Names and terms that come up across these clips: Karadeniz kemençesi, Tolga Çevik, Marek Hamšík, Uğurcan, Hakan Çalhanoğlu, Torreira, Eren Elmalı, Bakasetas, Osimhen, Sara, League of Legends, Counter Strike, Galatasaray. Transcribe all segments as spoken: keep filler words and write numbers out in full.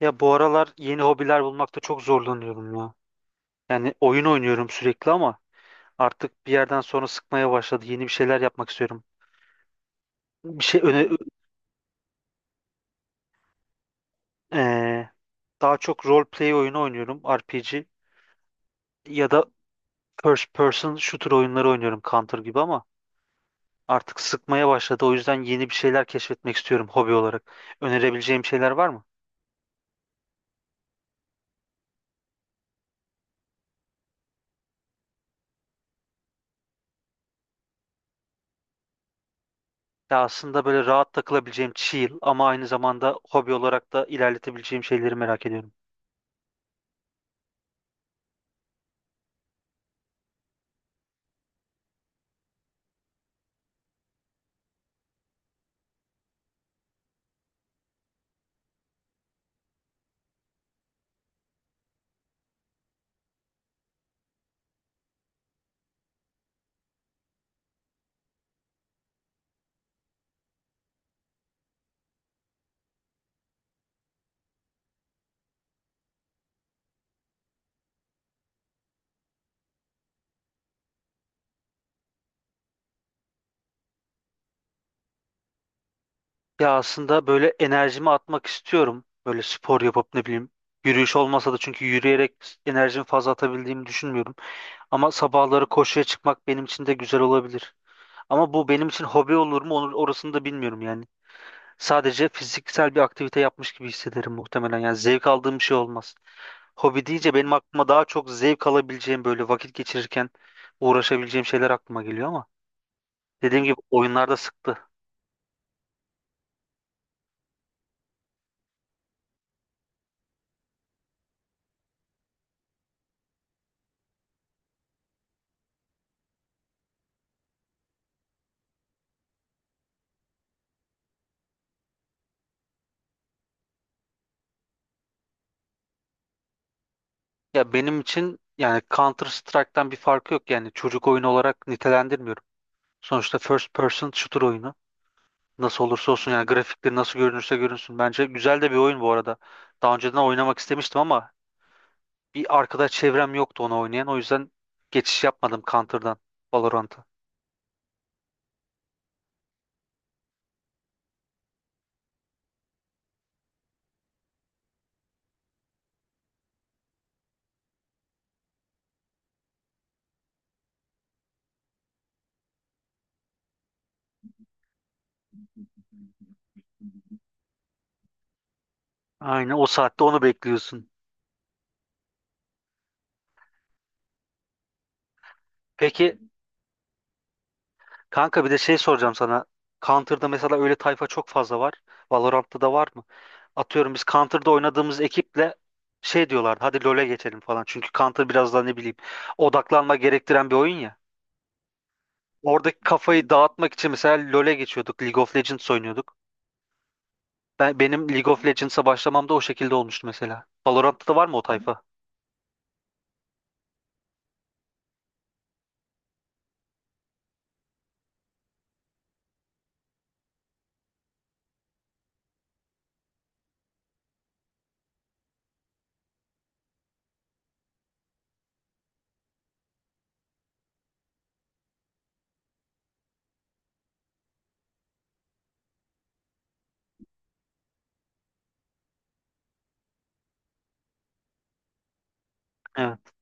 Ya bu aralar yeni hobiler bulmakta çok zorlanıyorum ya. Yani oyun oynuyorum sürekli ama artık bir yerden sonra sıkmaya başladı. Yeni bir şeyler yapmak istiyorum. Bir şey öne eee, daha çok role play oyunu oynuyorum, R P G ya da first person shooter oyunları oynuyorum Counter gibi ama artık sıkmaya başladı. O yüzden yeni bir şeyler keşfetmek istiyorum hobi olarak. Önerebileceğim şeyler var mı? Ya aslında böyle rahat takılabileceğim chill ama aynı zamanda hobi olarak da ilerletebileceğim şeyleri merak ediyorum. Ya aslında böyle enerjimi atmak istiyorum. Böyle spor yapıp ne bileyim yürüyüş olmasa da çünkü yürüyerek enerjimi fazla atabildiğimi düşünmüyorum. Ama sabahları koşuya çıkmak benim için de güzel olabilir. Ama bu benim için hobi olur mu onu- orasını da bilmiyorum yani. Sadece fiziksel bir aktivite yapmış gibi hissederim muhtemelen. Yani zevk aldığım bir şey olmaz. Hobi deyince benim aklıma daha çok zevk alabileceğim böyle vakit geçirirken uğraşabileceğim şeyler aklıma geliyor ama dediğim gibi oyunlarda sıktı. Ya benim için yani Counter Strike'tan bir farkı yok yani çocuk oyunu olarak nitelendirmiyorum. Sonuçta first person shooter oyunu. Nasıl olursa olsun yani grafikleri nasıl görünürse görünsün. Bence güzel de bir oyun bu arada. Daha önceden oynamak istemiştim ama bir arkadaş çevrem yoktu onu oynayan. O yüzden geçiş yapmadım Counter'dan Valorant'a. Aynen o saatte onu bekliyorsun. Peki kanka bir de şey soracağım sana. Counter'da mesela öyle tayfa çok fazla var. Valorant'ta da var mı? Atıyorum biz Counter'da oynadığımız ekiple şey diyorlardı hadi LoL'e geçelim falan. Çünkü Counter biraz daha ne bileyim odaklanma gerektiren bir oyun ya. Oradaki kafayı dağıtmak için mesela LoL'e geçiyorduk. League of Legends oynuyorduk. Ben, benim League of Legends'a başlamam da o şekilde olmuştu mesela. Valorant'ta da var mı o tayfa? Evet.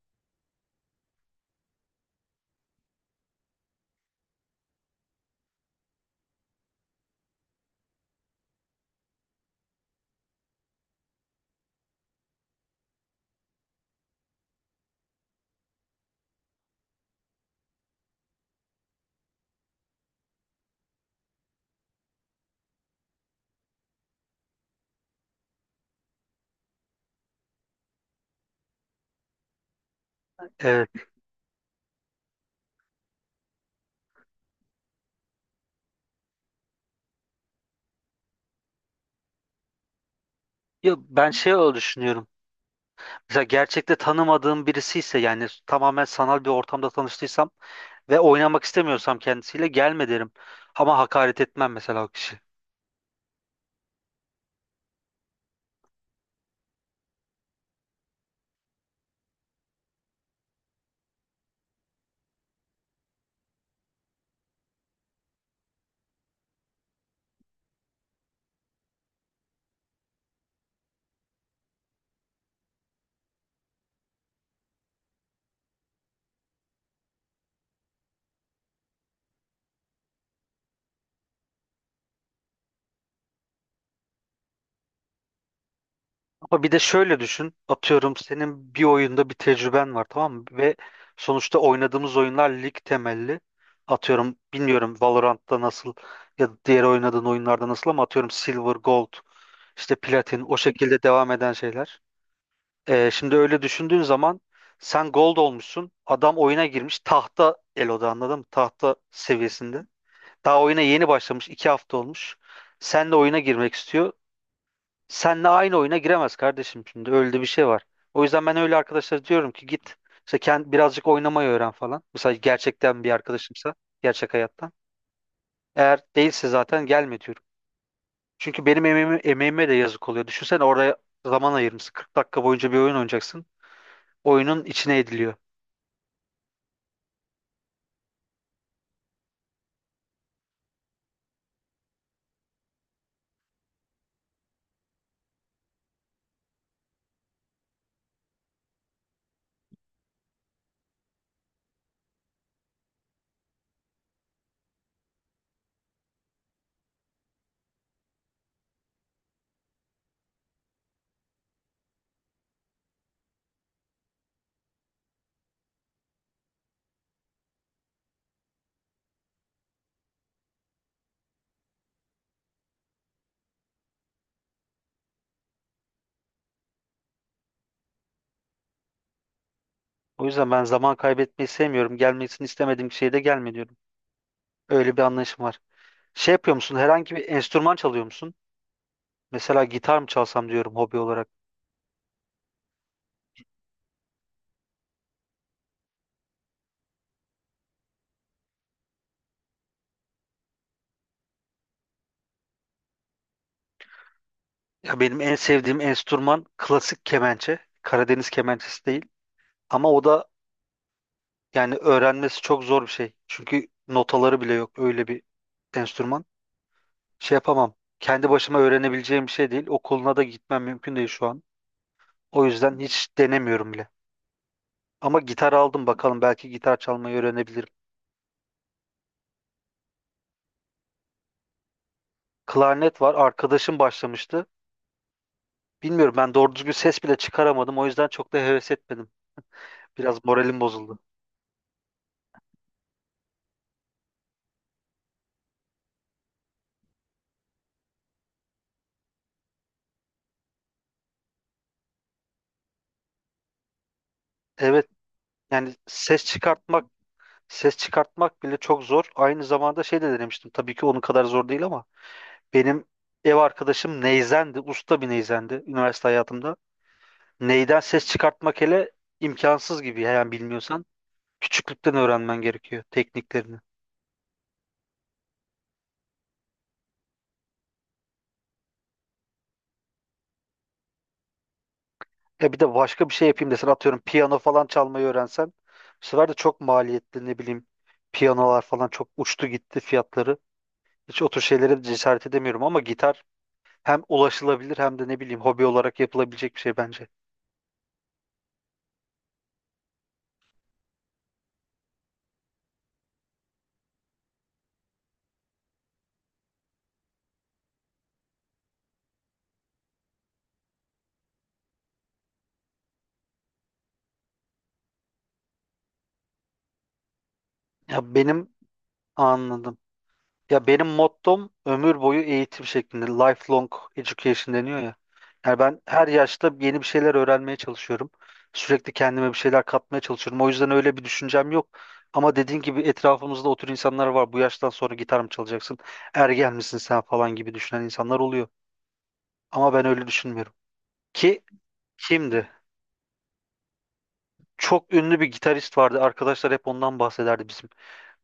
Evet. Ya ben şey öyle düşünüyorum. Mesela gerçekte tanımadığım birisi ise yani tamamen sanal bir ortamda tanıştıysam ve oynamak istemiyorsam kendisiyle gelme derim. Ama hakaret etmem mesela o kişi. Ama bir de şöyle düşün. Atıyorum senin bir oyunda bir tecrüben var tamam mı? Ve sonuçta oynadığımız oyunlar lig temelli. Atıyorum bilmiyorum Valorant'ta nasıl ya da diğer oynadığın oyunlarda nasıl ama atıyorum Silver, Gold, işte Platin o şekilde devam eden şeyler. Ee, şimdi öyle düşündüğün zaman sen Gold olmuşsun. Adam oyuna girmiş tahta Elo'da anladın mı? Tahta seviyesinde. Daha oyuna yeni başlamış. iki hafta olmuş. Sen de oyuna girmek istiyor. Senle aynı oyuna giremez kardeşim şimdi öyle de bir şey var. O yüzden ben öyle arkadaşlara diyorum ki git işte kend, birazcık oynamayı öğren falan. Mesela gerçekten bir arkadaşımsa gerçek hayattan. Eğer değilse zaten gelme diyorum. Çünkü benim emeğime, emeğime de yazık oluyor. Düşünsene oraya zaman ayırmışsın. kırk dakika boyunca bir oyun oynayacaksın. Oyunun içine ediliyor. O yüzden ben zaman kaybetmeyi sevmiyorum. Gelmesini istemediğim şeye de gelme diyorum. Öyle bir anlayışım var. Şey yapıyor musun? Herhangi bir enstrüman çalıyor musun? Mesela gitar mı çalsam diyorum hobi olarak. Ya benim en sevdiğim enstrüman klasik kemençe. Karadeniz kemençesi değil. Ama o da yani öğrenmesi çok zor bir şey. Çünkü notaları bile yok öyle bir enstrüman. Şey yapamam. Kendi başıma öğrenebileceğim bir şey değil. Okuluna da gitmem mümkün değil şu an. O yüzden hiç denemiyorum bile. Ama gitar aldım bakalım belki gitar çalmayı öğrenebilirim. Klarnet var. Arkadaşım başlamıştı. Bilmiyorum ben doğru düzgün ses bile çıkaramadım. O yüzden çok da heves etmedim. Biraz moralim bozuldu. Evet, yani ses çıkartmak Ses çıkartmak bile çok zor. Aynı zamanda şey de denemiştim. Tabii ki onun kadar zor değil ama benim ev arkadaşım neyzendi. Usta bir neyzendi üniversite hayatımda. Neyden ses çıkartmak hele imkansız gibi. Yani bilmiyorsan küçüklükten öğrenmen gerekiyor tekniklerini. Ya bir de başka bir şey yapayım desen atıyorum piyano falan çalmayı öğrensen bu sefer de çok maliyetli ne bileyim piyanolar falan çok uçtu gitti fiyatları. Hiç o tür şeylere de cesaret edemiyorum ama gitar hem ulaşılabilir hem de ne bileyim hobi olarak yapılabilecek bir şey bence. Ya benim Anladım. Ya benim mottom ömür boyu eğitim şeklinde. Lifelong education deniyor ya. Yani ben her yaşta yeni bir şeyler öğrenmeye çalışıyorum. Sürekli kendime bir şeyler katmaya çalışıyorum. O yüzden öyle bir düşüncem yok. Ama dediğin gibi etrafımızda o tür insanlar var. Bu yaştan sonra gitar mı çalacaksın? Ergen misin sen falan gibi düşünen insanlar oluyor. Ama ben öyle düşünmüyorum. Ki kimdi? Çok ünlü bir gitarist vardı. Arkadaşlar hep ondan bahsederdi bizim.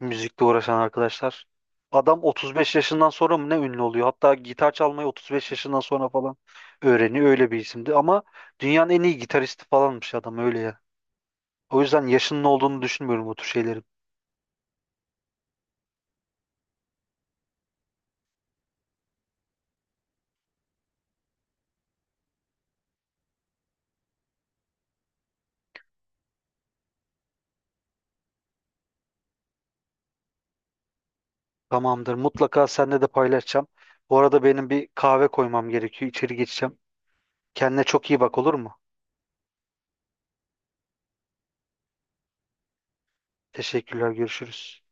Müzikle uğraşan arkadaşlar. Adam otuz beş yaşından sonra mı ne ünlü oluyor? Hatta gitar çalmayı otuz beş yaşından sonra falan öğreniyor. Öyle bir isimdi. Ama dünyanın en iyi gitaristi falanmış adam öyle ya. O yüzden yaşının olduğunu düşünmüyorum bu tür şeylerin. Tamamdır. Mutlaka seninle de paylaşacağım. Bu arada benim bir kahve koymam gerekiyor. İçeri geçeceğim. Kendine çok iyi bak olur mu? Teşekkürler. Görüşürüz.